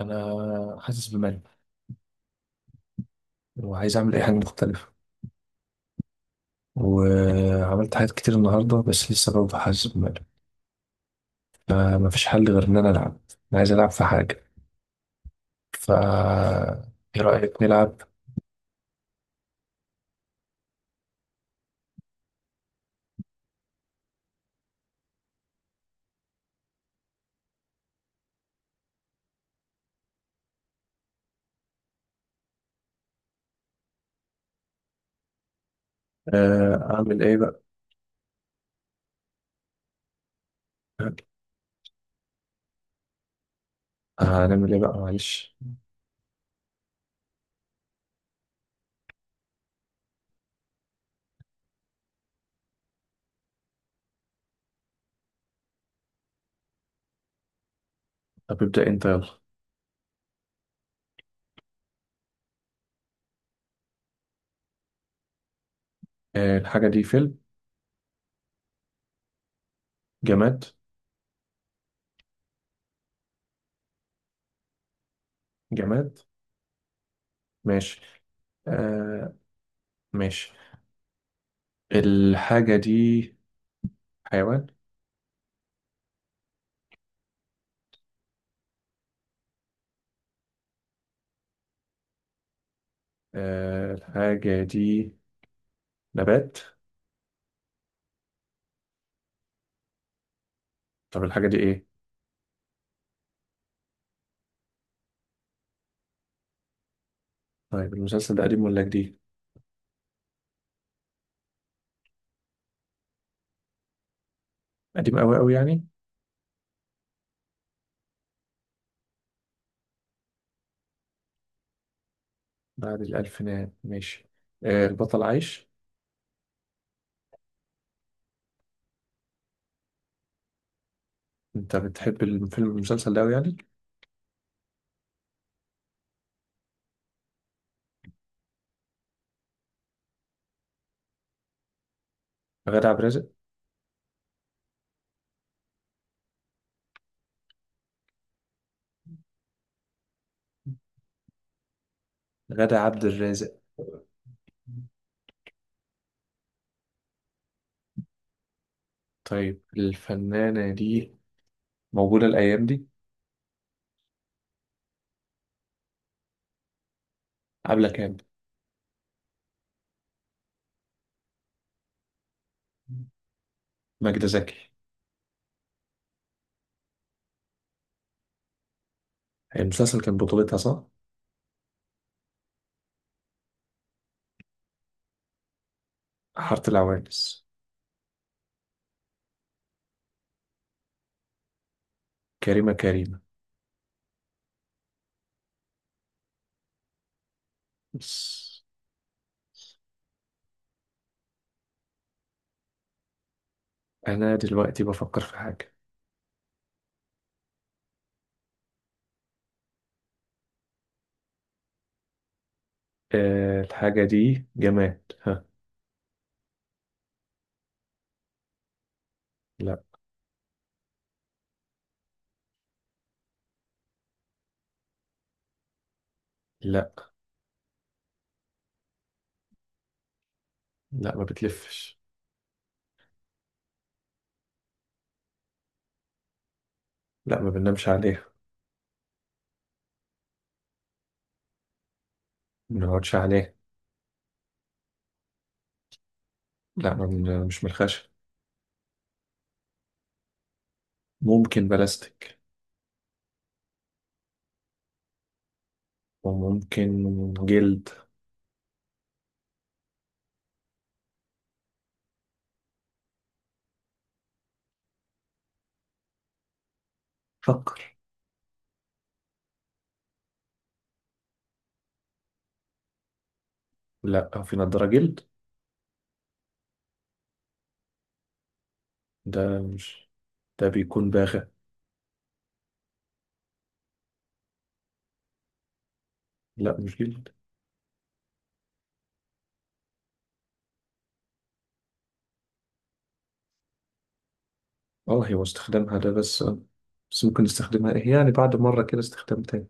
انا حاسس بملل، وعايز اعمل اي حاجه مختلفه، وعملت حاجات كتير النهارده، بس لسه برضه حاسس بملل. فما فيش حل غير ان انا العب. انا عايز العب في حاجه. ف ايه رايك نلعب؟ اعمل ايه بقى. هنعمل ايه بقى معلش. طب ابدا انت يلا. الحاجه دي فيلم؟ جماد. جماد. ماشي. آه، ماشي. الحاجه دي حيوان؟ الحاجه دي نبات؟ طب الحاجه دي ايه؟ طيب المسلسل ده قديم ولا جديد؟ قديم أوي أوي يعني. بعد الألفينات ماشي. البطل عايش؟ أنت بتحب المسلسل ده أوي يعني؟ غادة عبد الرازق. غادة عبد الرازق. طيب الفنانة دي موجودة الأيام دي؟ عبلة كامل. ماجدة زكي. المسلسل كان بطولتها صح؟ حارة العوانس. كريمة كريمة. بس. أنا دلوقتي بفكر في حاجة. الحاجة دي جماد ها؟ لا. لا. لا ما بتلفش. لا ما بننامش عليها. ما بنقعدش عليه. لا ما بن- مش من الخشب. ممكن بلاستيك وممكن جلد. فكر. لا في نضارة جلد. ده مش ده بيكون باغة. لا مش جلد. اه هي واستخدامها ده بس، بس ممكن نستخدمها ايه يعني بعد مرة كده استخدام تاني.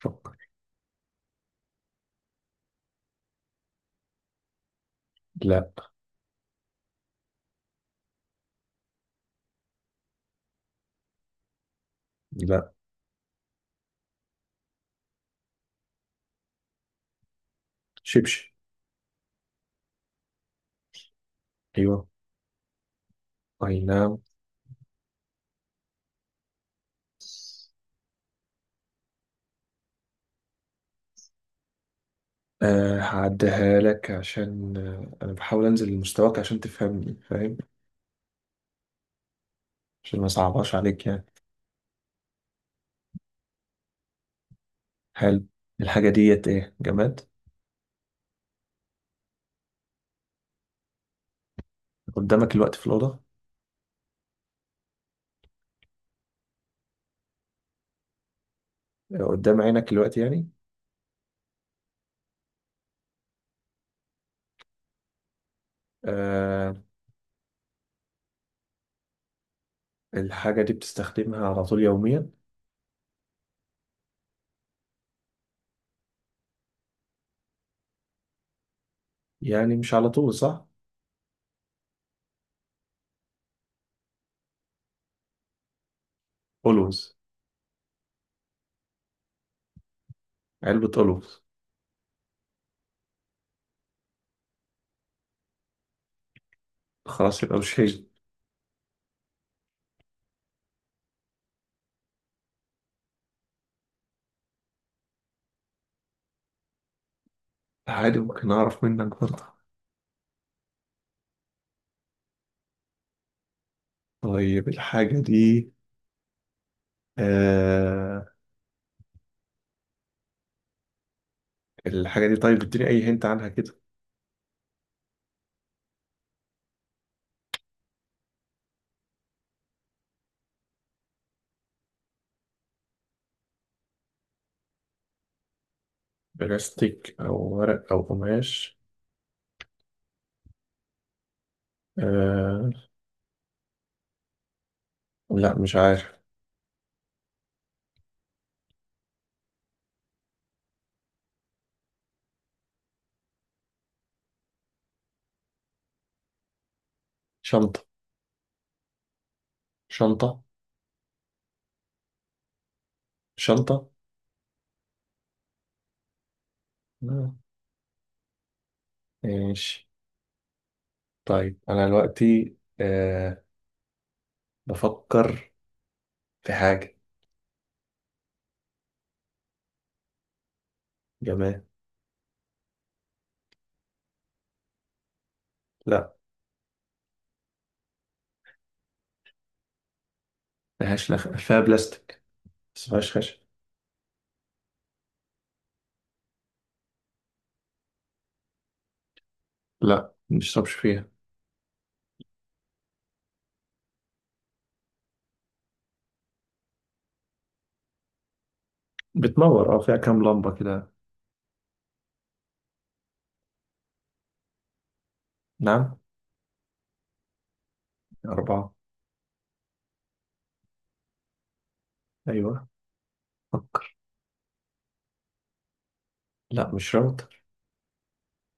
فكر. لا. لا. شبشب. ايوه. اي نعم. هعديها لك عشان انا بحاول انزل لمستواك عشان تفهمني فاهم. عشان ما صعباش عليك يعني. هل الحاجة ديت ايه جماد؟ قدامك الوقت في الأوضة؟ قدام عينك الوقت يعني. آه الحاجة دي بتستخدمها على طول يوميا؟ يعني مش على طول صح؟ ألوز؟ علبة ألوز. خلاص يبقى مش هي. عادي ممكن أعرف منك برضه. طيب الحاجة دي. آه الحاجة دي طيب اديني أي هنت عنها كده. بلاستيك أو ورق أو قماش؟ آه لا مش عارف. شنطة؟ شنطة؟ شنطة. آه، ماشي. طيب أنا دلوقتي بفكر في حاجة. جماد. لا ملهاش فيها بلاستيك، بس ملهاش خشب. لا مبنشربش فيها. بتنور. اه فيها كام لمبة كده. نعم. أربعة. أيوة. فكر. لا مش راوتر.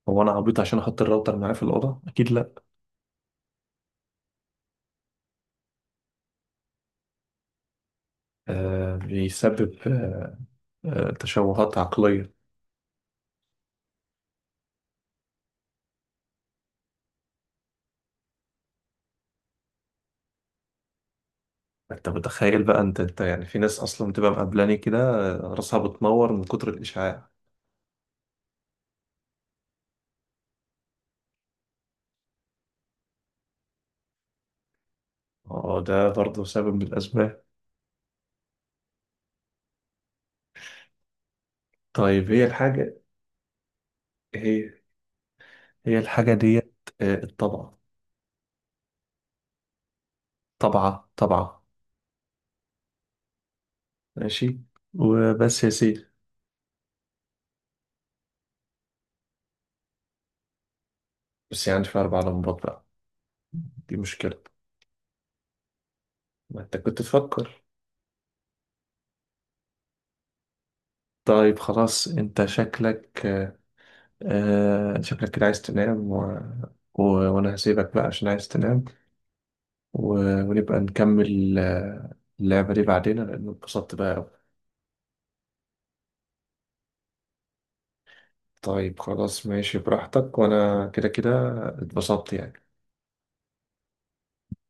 هو أنا عبيط عشان أحط الراوتر معايا في الأوضة؟ أكيد لا. بيسبب تشوهات عقلية. أنت متخيل بقى أنت يعني في ناس أصلا بتبقى مقبلاني كده. راسها بتنور من كتر الإشعاع. اه ده برضه سبب من الأسباب. طيب هي الحاجة. هي هي الحاجة ديت الطبق. طبعة طبعة. ماشي. وبس يا سيدي. بس يعني في أربع لمبات بقى. دي مشكلة. ما أنت كنت تفكر. طيب خلاص أنت شكلك آه شكلك كده عايز تنام وأنا هسيبك بقى عشان عايز تنام. و... ونبقى نكمل اللعبة دي بعدين لأن اتبسطت بقى أوي. طيب خلاص ماشي براحتك وأنا كده كده اتبسطت يعني.